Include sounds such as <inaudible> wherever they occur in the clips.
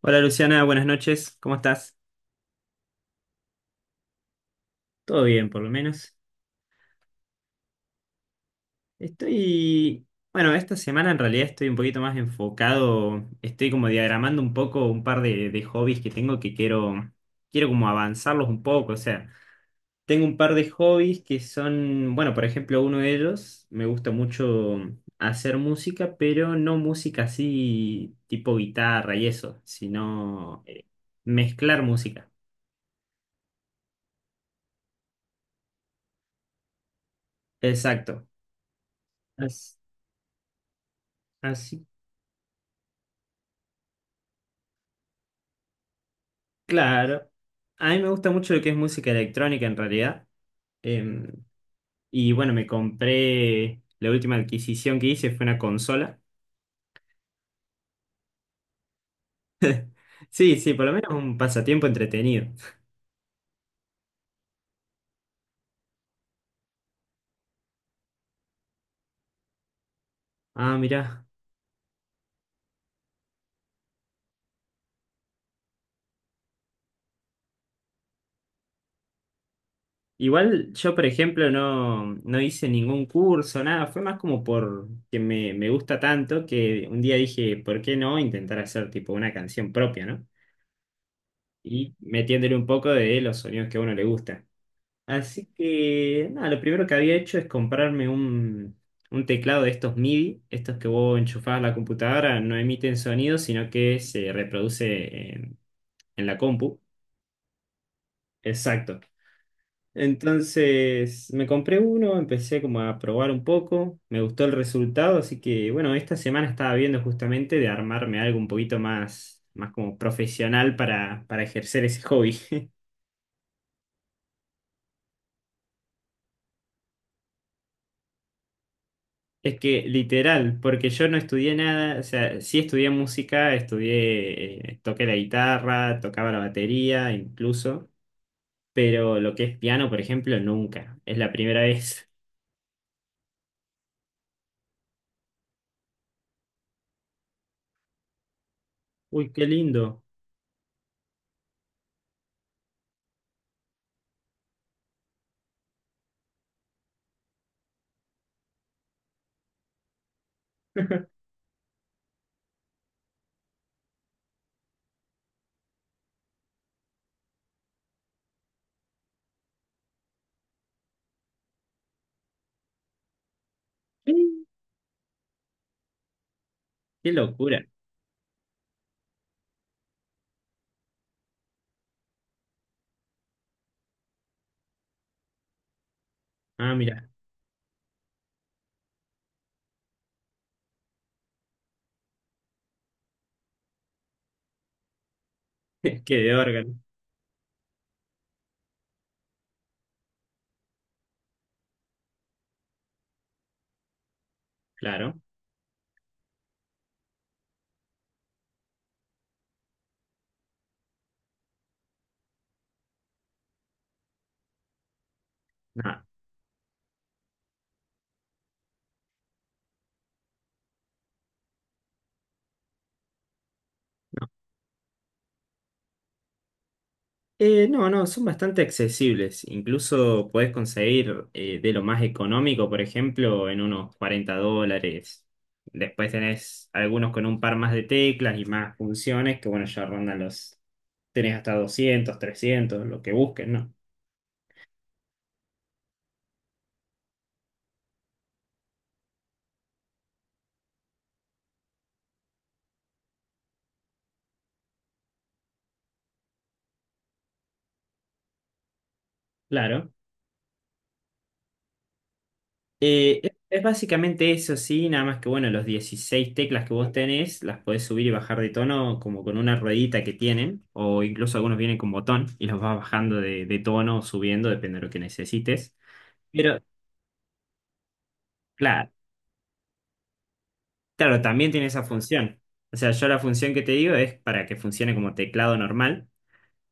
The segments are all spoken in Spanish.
Hola Luciana, buenas noches, ¿cómo estás? Todo bien, por lo menos. Estoy, bueno, esta semana en realidad estoy un poquito más enfocado, estoy como diagramando un poco un par de hobbies que tengo que quiero como avanzarlos un poco, o sea, tengo un par de hobbies que son, bueno, por ejemplo, uno de ellos, me gusta mucho hacer música, pero no música así tipo guitarra y eso, sino mezclar música. Exacto. As- Así, claro, a mí me gusta mucho lo que es música electrónica en realidad. Em, y bueno, me compré, la última adquisición que hice fue una consola. Sí, sí, por lo menos un pasatiempo entretenido. Ah, mirá. Igual yo, por ejemplo, no, no hice ningún curso, nada. Fue más como por que me gusta tanto que un día dije: ¿Por qué no intentar hacer tipo una canción propia? ¿No? Y metiéndole un poco de los sonidos que a uno le gusta. Así que, nada, lo primero que había hecho es comprarme un teclado de estos MIDI, estos que vos enchufás a la computadora, no emiten sonido, sino que se reproduce en la compu. Exacto. Entonces, me compré uno, empecé como a probar un poco, me gustó el resultado, así que, bueno, esta semana estaba viendo justamente de armarme algo un poquito más, más como profesional para ejercer ese hobby. Es que literal, porque yo no estudié nada, o sea, sí estudié música, estudié, toqué la guitarra, tocaba la batería incluso, pero lo que es piano, por ejemplo, nunca. Es la primera vez. <laughs> Uy, qué lindo. <laughs> Qué locura. Ah, mira, <laughs> qué de órgano, claro. Nada. No, no, son bastante accesibles. Incluso podés conseguir de lo más económico, por ejemplo, en unos 40 dólares. Después tenés algunos con un par más de teclas y más funciones, que bueno, ya rondan los... Tenés hasta 200, 300, lo que busquen, ¿no? Claro. Es básicamente eso, sí, nada más que bueno, los 16 teclas que vos tenés las podés subir y bajar de tono como con una ruedita que tienen, o incluso algunos vienen con botón y los vas bajando de tono o subiendo, depende de lo que necesites. Pero claro, claro, también tiene esa función. O sea, yo la función que te digo es para que funcione como teclado normal,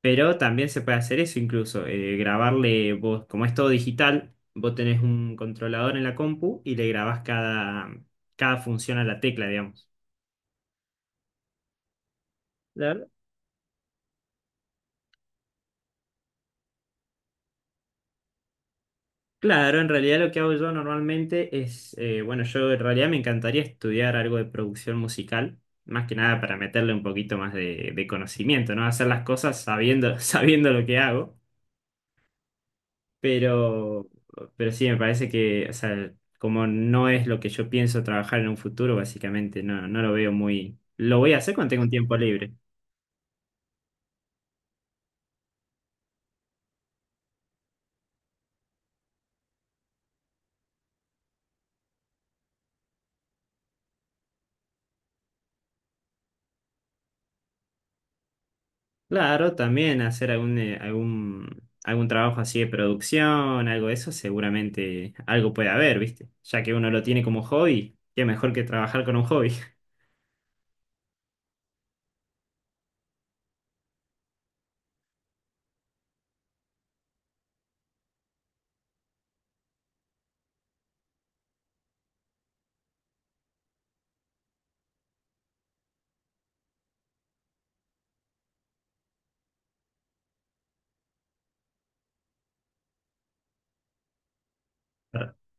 pero también se puede hacer eso incluso, grabarle vos, como es todo digital, vos tenés un controlador en la compu y le grabás cada función a la tecla, digamos. Claro, claro, en realidad lo que hago yo normalmente es, bueno, yo en realidad me encantaría estudiar algo de producción musical, más que nada para meterle un poquito más de conocimiento, ¿no? Hacer las cosas sabiendo, <laughs> sabiendo lo que hago, pero, pero sí me parece que, o sea, como no es lo que yo pienso trabajar en un futuro, básicamente no, no lo veo muy... Lo voy a hacer cuando tenga un tiempo libre. Claro, también hacer algún trabajo así de producción, algo de eso, seguramente algo puede haber, ¿viste? Ya que uno lo tiene como hobby, qué mejor que trabajar con un hobby. <laughs>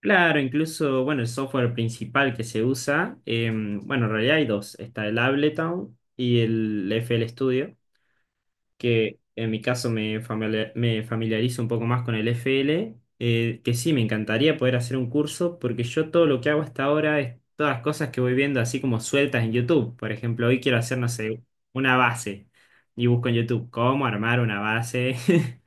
Claro, incluso, bueno, el software principal que se usa, bueno, en realidad hay dos, está el Ableton y el FL Studio. Que en mi caso me familiarizo un poco más con el FL, que sí, me encantaría poder hacer un curso, porque yo todo lo que hago hasta ahora es todas las cosas que voy viendo así como sueltas en YouTube. Por ejemplo, hoy quiero hacer, no sé, una base y busco en YouTube cómo armar una base. <laughs>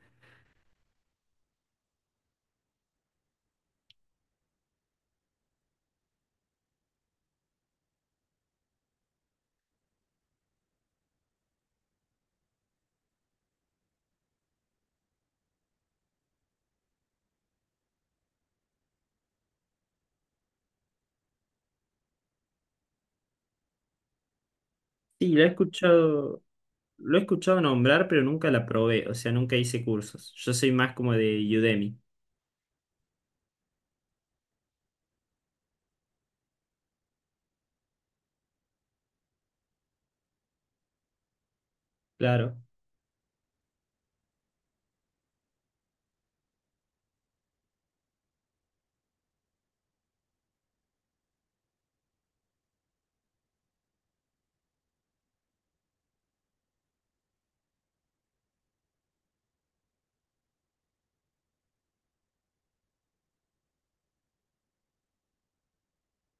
Sí, lo he escuchado nombrar, pero nunca la probé, o sea, nunca hice cursos. Yo soy más como de Udemy, claro.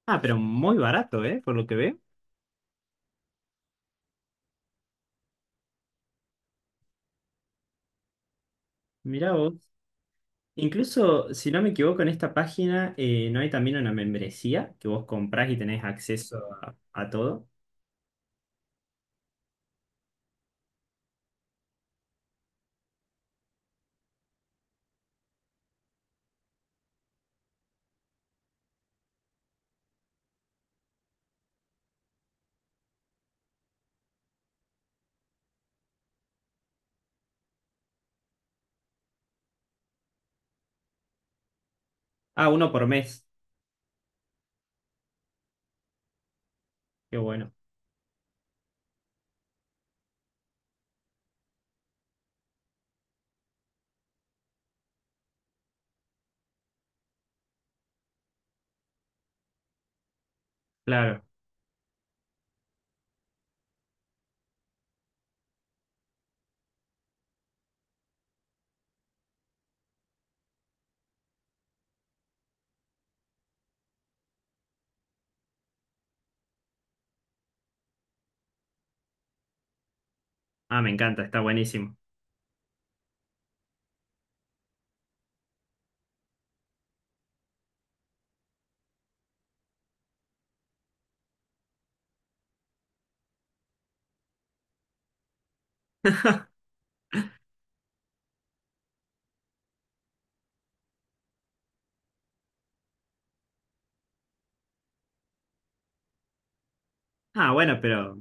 Ah, pero muy barato, ¿eh? Por lo que veo. Mirá vos. Incluso, si no me equivoco, en esta página no hay también una membresía que vos comprás y tenés acceso a todo. Ah, uno por mes. Qué bueno. Claro. Ah, me encanta, está buenísimo. Ah, bueno, pero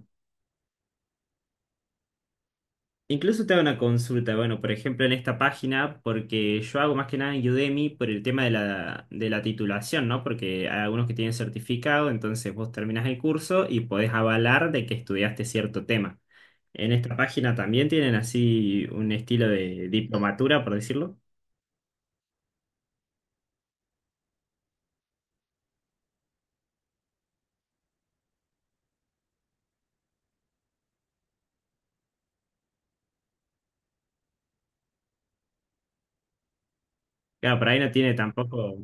incluso te hago una consulta, bueno, por ejemplo, en esta página, porque yo hago más que nada en Udemy por el tema de la titulación, ¿no? Porque hay algunos que tienen certificado, entonces vos terminás el curso y podés avalar de que estudiaste cierto tema. En esta página también tienen así un estilo de diplomatura, por decirlo. Claro, por ahí no tiene tampoco,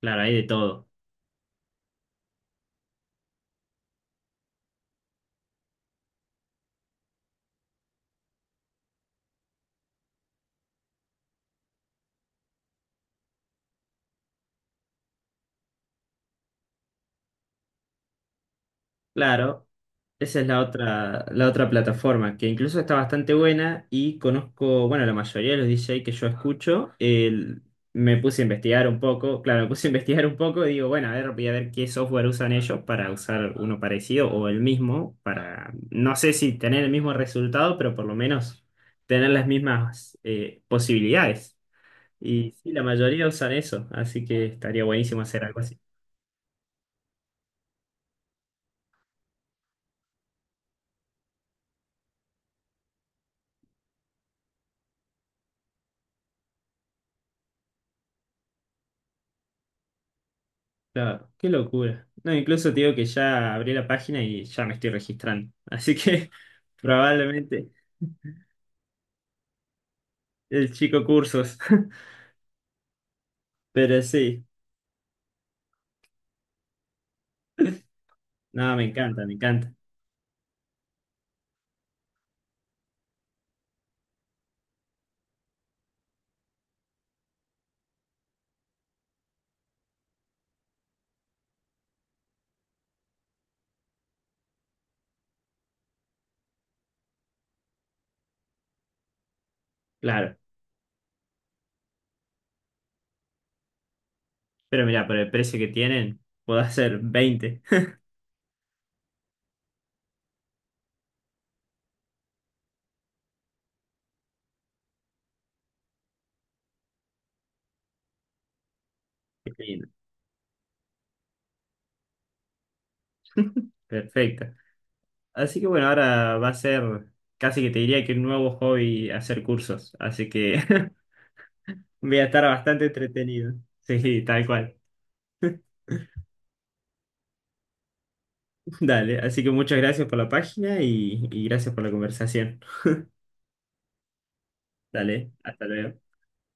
claro, hay de todo. Claro, esa es la otra, plataforma, que incluso está bastante buena y conozco, bueno, la mayoría de los DJ que yo escucho, el- me puse a investigar un poco, claro, me puse a <laughs> investigar un poco y digo, bueno, a ver, voy a ver qué software usan ellos para usar uno parecido o el mismo, para, no sé si tener el mismo resultado, pero por lo menos tener las mismas posibilidades. Y sí, la mayoría usan eso, así que estaría buenísimo hacer algo así. Claro, qué locura. No, incluso te digo que ya abrí la página y ya me estoy registrando. Así que <laughs> probablemente el chico cursos. <laughs> Pero sí, no, me encanta, me encanta. Claro. Pero mira, por el precio que tienen, puedo hacer 20. <laughs> Qué lindo. Perfecto. Así que bueno, ahora va a ser casi que te diría que un nuevo hobby hacer cursos. Así que <laughs> voy a estar bastante entretenido. Sí, tal cual. <laughs> <laughs> Dale, así que muchas gracias por la página y gracias por la conversación. Dale, hasta luego.